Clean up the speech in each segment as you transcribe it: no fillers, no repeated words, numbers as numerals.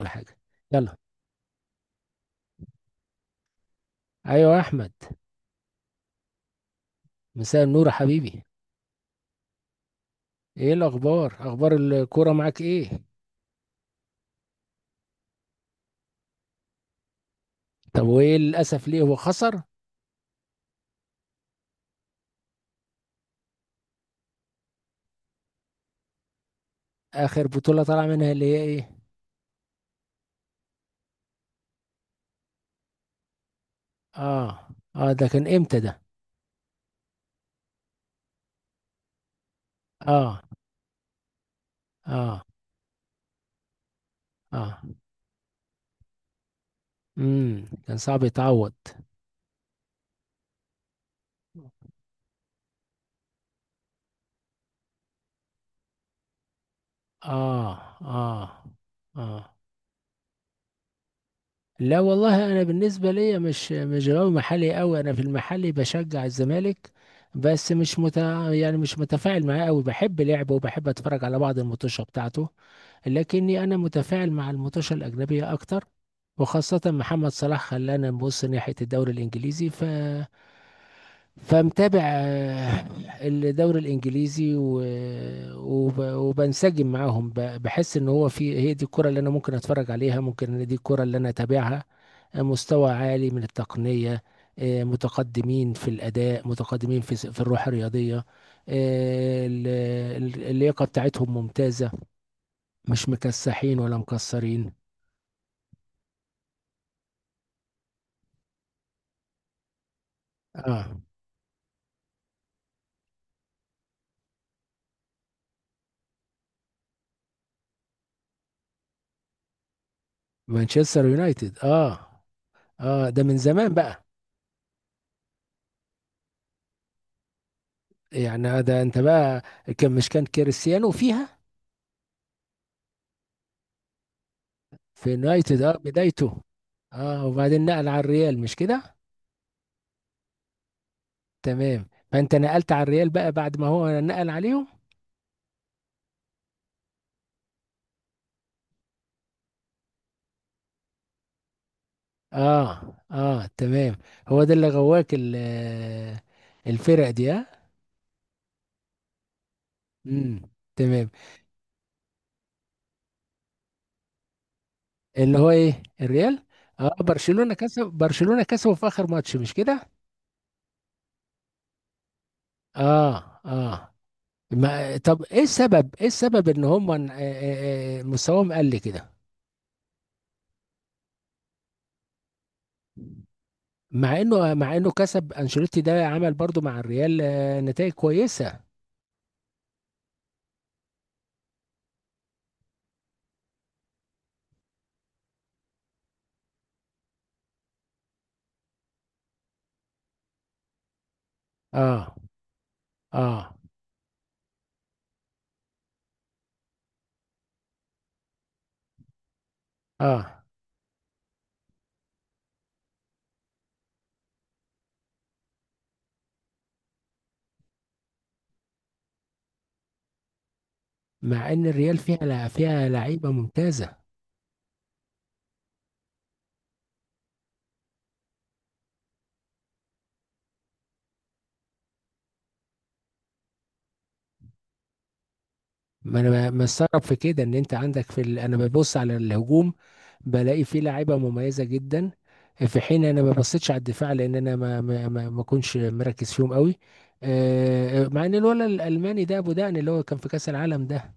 ولا حاجة. يلا. ايوه يا احمد. مساء النور يا حبيبي. ايه الاخبار، اخبار الكوره معاك ايه؟ طب وايه للاسف، ليه هو خسر؟ اخر بطولة طلع منها اللي هي ايه؟ اه. اه ده كان امتى ده؟ اه. اه. اه. كان صعب يتعوض. اه. اه. اه. لا والله انا بالنسبة ليا مش غاوي محلي قوي، انا في المحلي بشجع الزمالك. بس مش مت... يعني مش متفاعل معاه قوي، بحب لعبه وبحب اتفرج على بعض الماتشات بتاعته. لكني أنا متفاعل مع المطوشة الأجنبية أكتر. وخاصة محمد صلاح خلانا نبص ناحية الدوري الإنجليزي، فمتابع الدوري الانجليزي وبنسجم معاهم، بحس ان هو هي دي الكرة اللي انا ممكن اتفرج عليها، ممكن إن دي الكرة اللي انا اتابعها. مستوى عالي من التقنية. متقدمين في الاداء، متقدمين في في الروح الرياضية. آه، ال- اللياقة بتاعتهم ممتازة. مش مكسحين ولا مكسرين. اه. مانشستر يونايتد. اه. اه ده من زمان بقى. يعني ده انت بقى. كان مش كان كريستيانو فيها؟ في يونايتد، اه بدايته. اه وبعدين نقل على الريال، مش كده؟ تمام، فانت نقلت على الريال بقى بعد ما هو نقل عليهم. اه. اه تمام. هو ده اللي غواك الفرق دي؟ اه. امم. تمام. اللي هو ايه الريال؟ اه برشلونة كسبوا في اخر ماتش، مش كده؟ اه. اه. ما طب ايه السبب ان هم مستواهم قل كده؟ مع انه كسب انشيلوتي ده عمل برضو مع الريال نتائج كويسة. اه. اه. اه. مع ان الريال فيها لعيبة ممتازة. ما انا مستغرب في كده ان انت عندك في انا ببص على الهجوم، بلاقي فيه لعيبه مميزه جدا، في حين انا ما بصيتش على الدفاع لان انا ما كنتش مركز فيهم قوي. مع ان الولد الالماني ده ابو دقن اللي هو كان في كاس العالم ده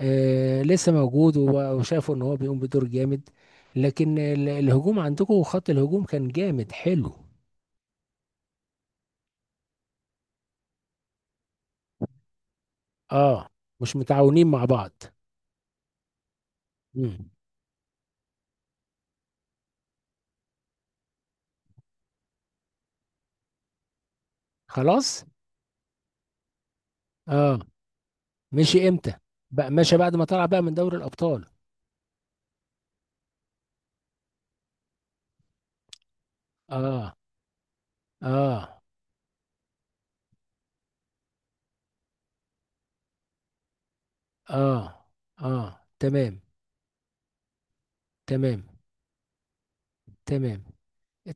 لسه موجود، وشافوا ان هو بيقوم بدور جامد. لكن الهجوم عندكم خط الهجوم كان جامد حلو. اه. مش متعاونين مع بعض. مم. خلاص. اه. مشي امتى؟ بقى مشى بعد ما طلع بقى من دوري الابطال؟ اه. اه. اه. اه تمام. تمام. تمام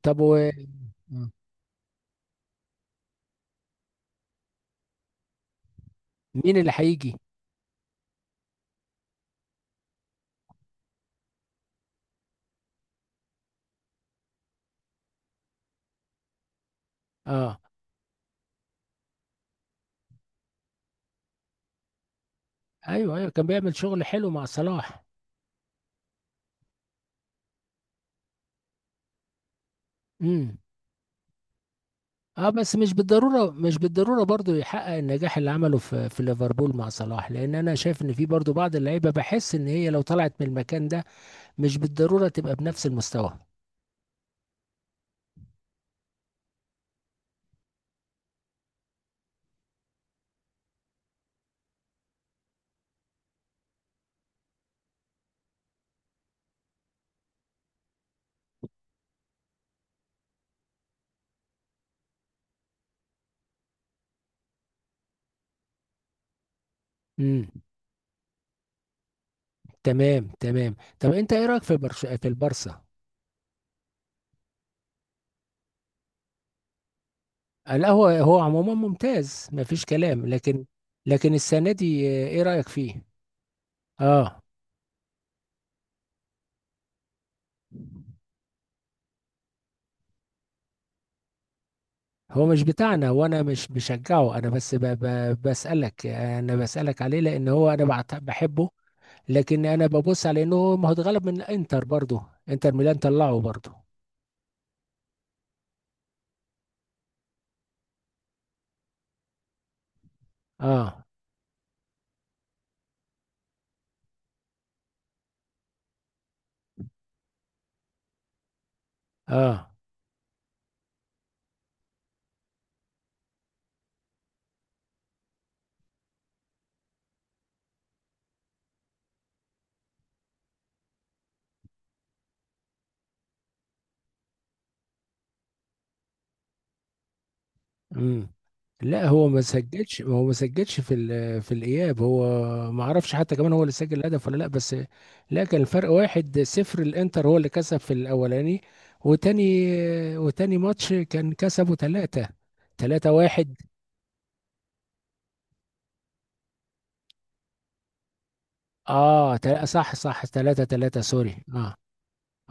طب و... آه. مين اللي هيجي؟ اه. ايوه، ايوه، كان بيعمل شغل حلو مع صلاح. امم. اه بس مش بالضروره، مش بالضروره برضو يحقق النجاح اللي عمله في ليفربول مع صلاح، لان انا شايف ان في برضو بعض اللعيبه بحس ان هي لو طلعت من المكان ده مش بالضروره تبقى بنفس المستوى. امم. تمام. تمام طب انت ايه رايك في في البارسا؟ لا هو عموما ممتاز مفيش كلام، لكن السنة دي ايه رأيك فيه؟ اه. هو مش بتاعنا، وانا مش بشجعه، انا بس ب ب بسألك، انا بسألك عليه لان هو انا بحبه. لكن انا ببص على انه ما هو اتغلب من انتر برضه، انتر ميلان طلعه برضه. اه. اه. امم. لا هو ما بس سجلش، هو ما سجلش في في الاياب هو. ما اعرفش حتى كمان هو اللي سجل الهدف ولا لا بس. لا كان الفرق 1-0، الانتر هو اللي كسب في الاولاني. وتاني. وتاني ماتش كان كسبه ثلاثة. 3-1. صح، صح، 3-3، سوري اه.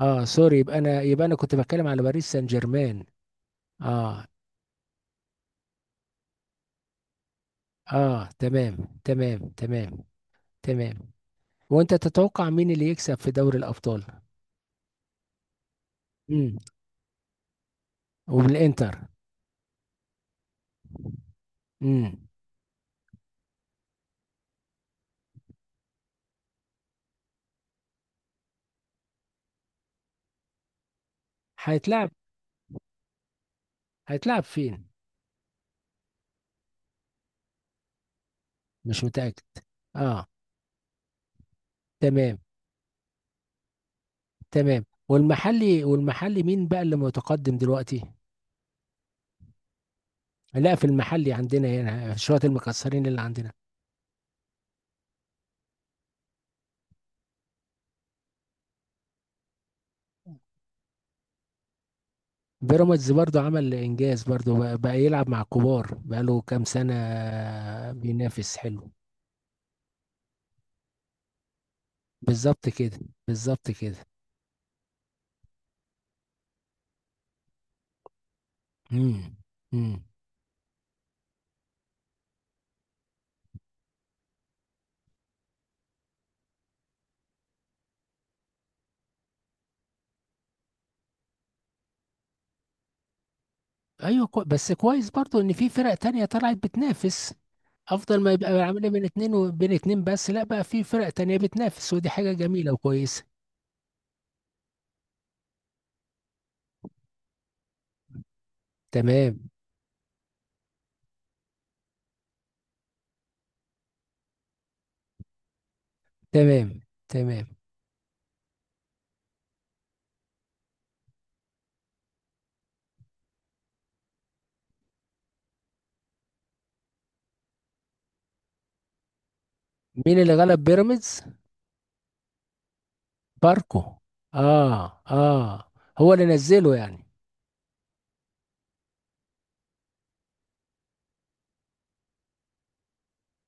اه سوري، يبقى انا كنت بتكلم على باريس سان جيرمان. اه. اه تمام. تمام. تمام. تمام وانت تتوقع مين اللي يكسب في دوري الابطال؟ وبالانتر. امم. هيتلعب. هيتلعب فين؟ مش متأكد. اه تمام. تمام والمحلي، والمحلي مين بقى اللي متقدم دلوقتي؟ لا في المحلي عندنا هنا شوية المكسرين اللي عندنا. بيراميدز برضو عمل انجاز برضو، بقى يلعب مع كبار بقى له كام سنة، بينافس حلو. بالظبط كده. بالظبط كده. امم. امم. بس كويس برضو ان في فرق تانية طلعت بتنافس. افضل ما يبقى العمليه بين اتنين وبين اتنين، بس لا بقى في فرق تانية بتنافس ودي حاجه جميله وكويسه. تمام. تمام. تمام. مين اللي غلب بيراميدز؟ باركو. اه. اه. هو اللي نزله يعني؟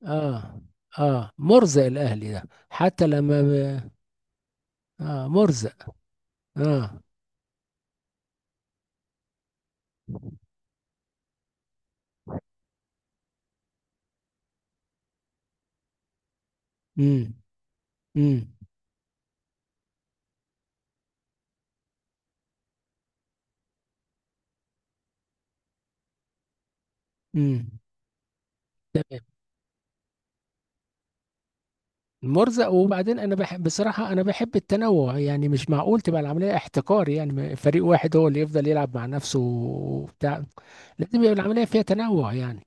اه. اه مرزق الاهلي ده. حتى لما آه مرزق. اه. امم. امم. امم. مرزق. وبعدين انا بحب بصراحه، انا بحب التنوع يعني، مش معقول تبقى العمليه احتكار، يعني فريق واحد هو اللي يفضل يلعب مع نفسه وبتاع. لازم يبقى العمليه فيها تنوع يعني.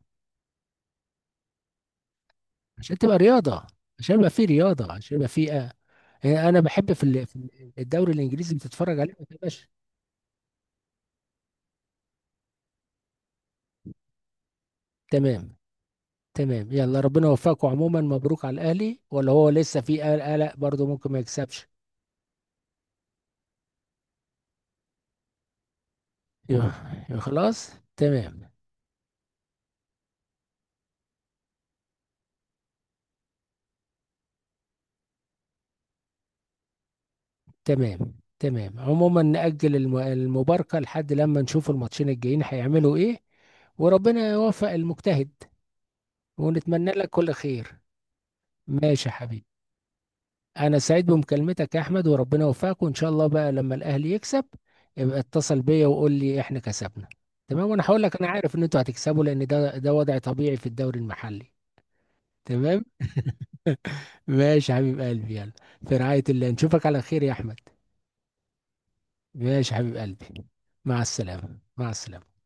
عشان تبقى رياضه. عشان يبقى في رياضه عشان يبقى في يعني انا بحب في الدوري الانجليزي بتتفرج عليه ما تبقاش. تمام. تمام يلا ربنا يوفقكم، عموما مبروك على الاهلي، ولا هو لسه في قلق برضه ممكن ما يكسبش؟ يبقى. يبقى خلاص. تمام. تمام. تمام عموما نأجل المباركة لحد لما نشوف الماتشين الجايين هيعملوا ايه. وربنا يوفق المجتهد. ونتمنى لك كل خير. ماشي يا حبيبي. انا سعيد بمكالمتك يا احمد، وربنا يوفقك، وان شاء الله بقى لما الاهلي يكسب يبقى اتصل بيا وقول لي احنا كسبنا. تمام وانا هقول لك، انا عارف ان انتوا هتكسبوا لان ده وضع طبيعي في الدوري المحلي. تمام. ماشي يا حبيب قلبي يلا. في رعاية الله، نشوفك على خير يا احمد. ماشي يا حبيب قلبي. مع السلامة، مع السلامة.